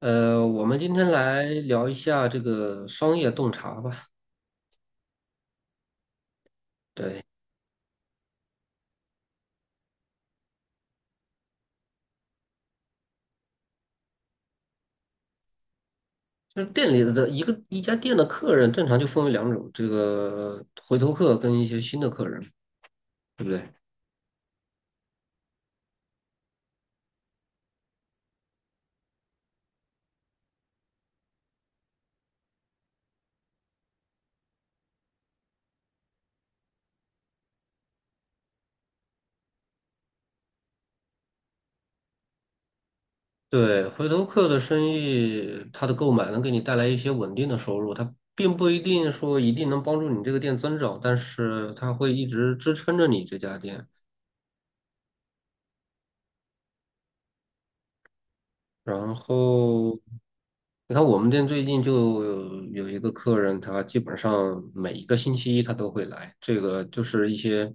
我们今天来聊一下这个商业洞察吧。对，就是店里的一家店的客人，正常就分为两种，这个回头客跟一些新的客人，对不对？对，回头客的生意，他的购买能给你带来一些稳定的收入，他并不一定说一定能帮助你这个店增长，但是他会一直支撑着你这家店。然后，你看我们店最近就有一个客人，他基本上每一个星期一他都会来，这个就是一些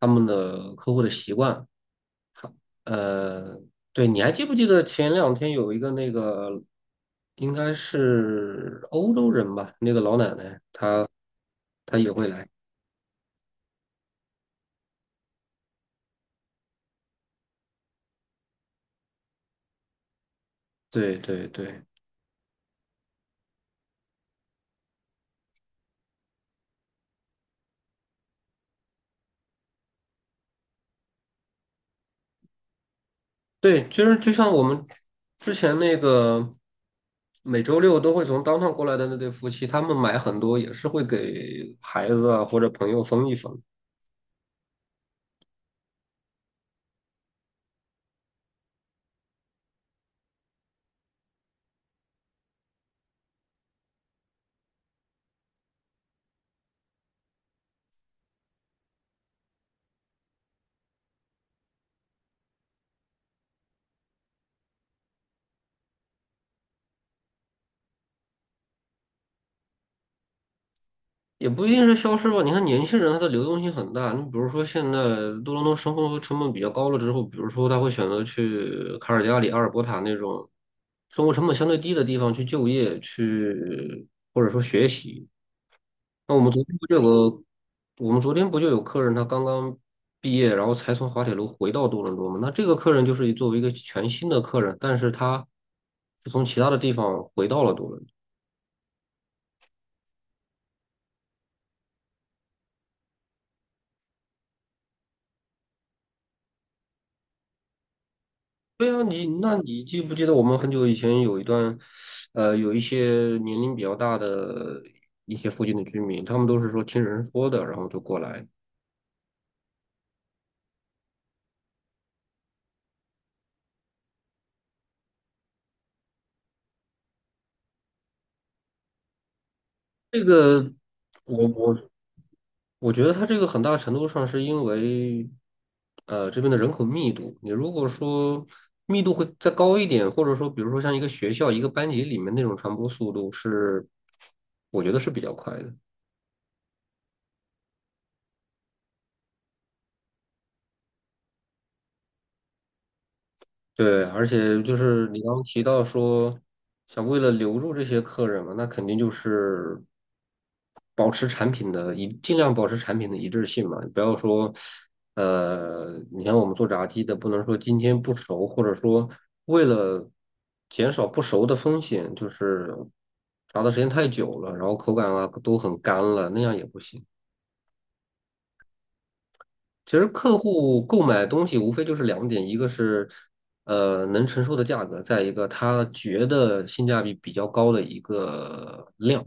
他们的客户的习惯。呃，对，你还记不记得前两天有一个那个，应该是欧洲人吧，那个老奶奶，她也会来。对对对，对，其实就像我们之前那个每周六都会从 downtown 过来的那对夫妻，他们买很多也是会给孩子啊或者朋友分一分，也不一定是消失吧。你看年轻人他的流动性很大，你比如说现在多伦多生活成本比较高了之后，比如说他会选择去卡尔加里、阿尔伯塔那种生活成本相对低的地方去就业，去或者说学习。那我们昨天不就有个，我们昨天不就有客人他刚刚毕业，然后才从滑铁卢回到多伦多吗？那这个客人就是作为一个全新的客人，但是他是从其他的地方回到了多伦多。对啊，你记不记得我们很久以前有一段，有一些年龄比较大的一些附近的居民，他们都是说听人说的，然后就过来。这个我我我觉得它这个很大程度上是因为，这边的人口密度。你如果说密度会再高一点，或者说，比如说像一个学校、一个班级里面那种传播速度是，我觉得是比较快的。对，而且就是你刚刚提到说，想为了留住这些客人嘛，那肯定就是。保持产品的一，尽量保持产品的一致性嘛，不要说，你看我们做炸鸡的，不能说今天不熟，或者说为了减少不熟的风险，就是炸的时间太久了，然后口感啊都很干了，那样也不行。其实客户购买东西无非就是两点，一个是能承受的价格，再一个他觉得性价比比较高的一个量。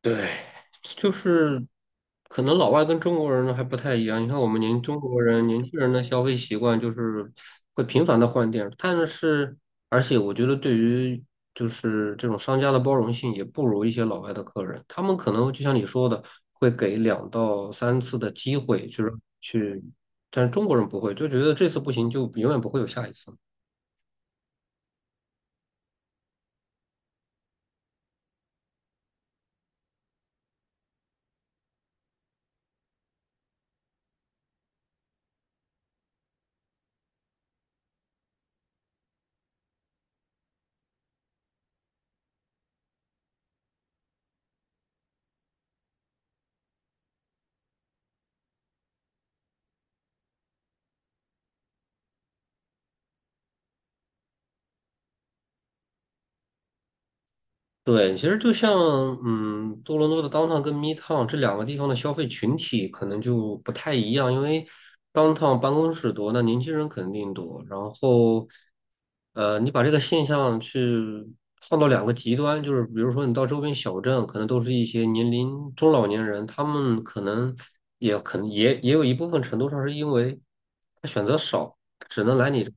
对，就是可能老外跟中国人还不太一样。你看，我们年中国人、年轻人的消费习惯就是会频繁的换店，而且我觉得对于就是这种商家的包容性也不如一些老外的客人，他们可能就像你说的，会给两到三次的机会，就是去，但是中国人不会，就觉得这次不行就永远不会有下一次。对，其实就像多伦多的 downtown 跟 midtown 这两个地方的消费群体可能就不太一样，因为 downtown 办公室多，那年轻人肯定多。然后，你把这个现象去放到两个极端，就是比如说你到周边小镇，可能都是一些年龄中老年人，他们可能也有一部分程度上是因为他选择少，只能来你这，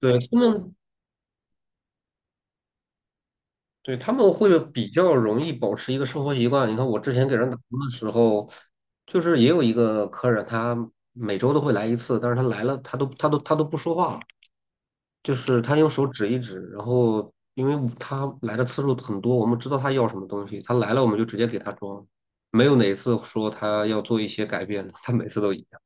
对，他们会比较容易保持一个生活习惯。你看，我之前给人打工的时候，就是也有一个客人，他每周都会来一次，但是他来了，他都不说话，就是他用手指一指。然后，因为他来的次数很多，我们知道他要什么东西，他来了我们就直接给他装，没有哪一次说他要做一些改变的，他每次都一样。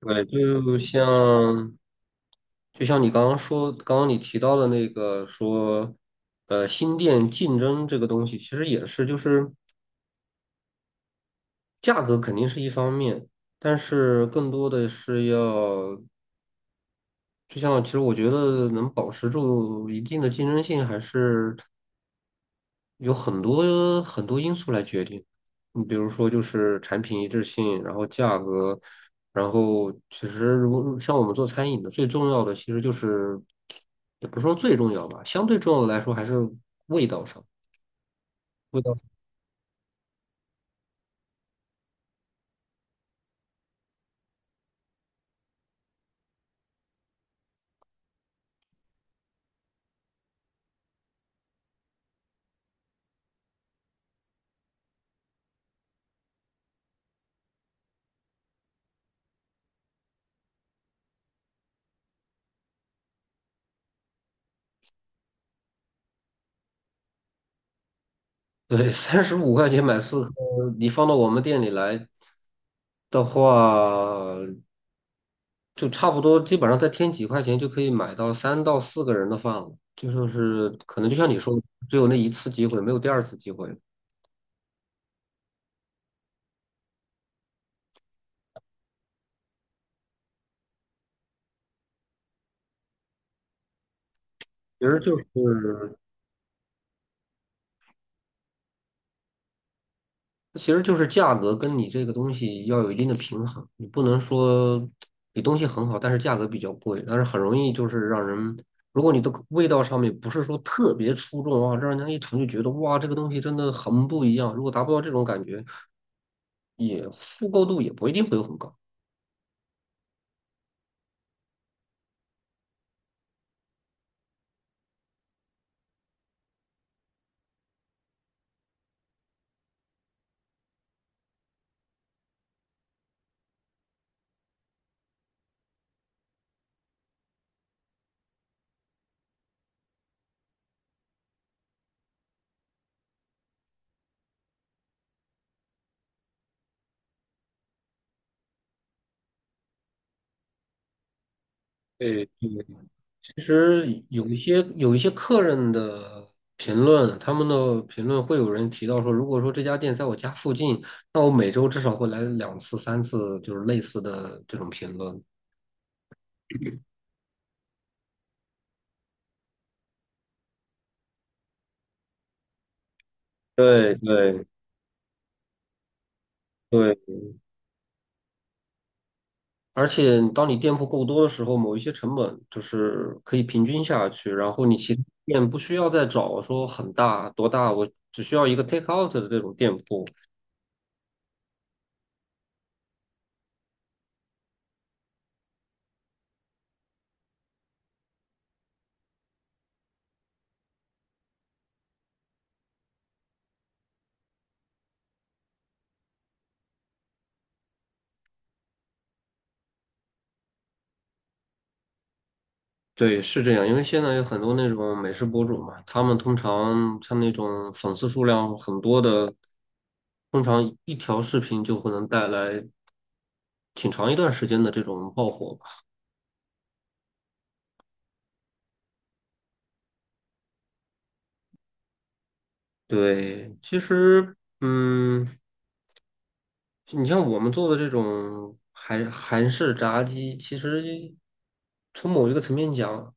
对，就像你刚刚说，刚刚你提到的那个说，新店竞争这个东西，其实也是，就是价格肯定是一方面，但是更多的是要，就像其实我觉得能保持住一定的竞争性，还是有很多很多因素来决定，你比如说就是产品一致性，然后价格，然后其实如果像我们做餐饮的，最重要的其实就是，也不是说最重要吧，相对重要的来说还是味道上，味道上。对，35块钱买四颗，你放到我们店里来的话，就差不多，基本上再添几块钱就可以买到三到四个人的饭了。就说是可能就像你说的，只有那一次机会，没有第二次机会。其实就是，其实就是价格跟你这个东西要有一定的平衡，你不能说你东西很好，但是价格比较贵，但是很容易就是让人，如果你的味道上面不是说特别出众啊，让人家一尝就觉得哇，这个东西真的很不一样。如果达不到这种感觉，也复购度也不一定会有很高。对，其实有一些客人的评论，他们的评论会有人提到说，如果说这家店在我家附近，那我每周至少会来两次、三次，就是类似的这种评论。对对对，而且当你店铺够多的时候，某一些成本就是可以平均下去，然后你其他店不需要再找说很大多大，我只需要一个 take out 的这种店铺。对，是这样，因为现在有很多那种美食博主嘛，他们通常像那种粉丝数量很多的，通常一条视频就会能带来挺长一段时间的这种爆火吧。对，其实，你像我们做的这种韩式炸鸡，其实从某一个层面讲，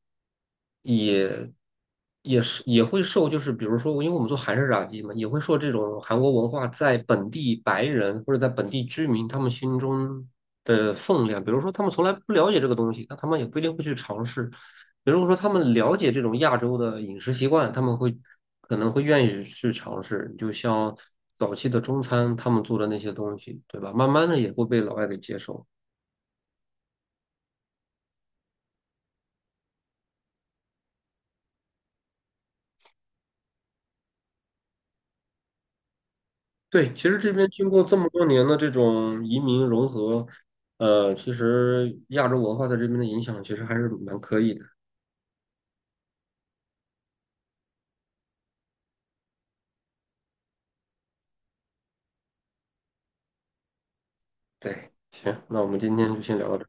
也是也会受，就是比如说，因为我们做韩式炸鸡嘛，也会受这种韩国文化在本地白人或者在本地居民他们心中的分量。比如说，他们从来不了解这个东西，那他们也不一定会去尝试。比如说，他们了解这种亚洲的饮食习惯，他们可能会愿意去尝试。就像早期的中餐，他们做的那些东西，对吧？慢慢的也会被老外给接受。对，其实这边经过这么多年的这种移民融合，其实亚洲文化在这边的影响其实还是蛮可以的。对，行，那我们今天就先聊到这儿。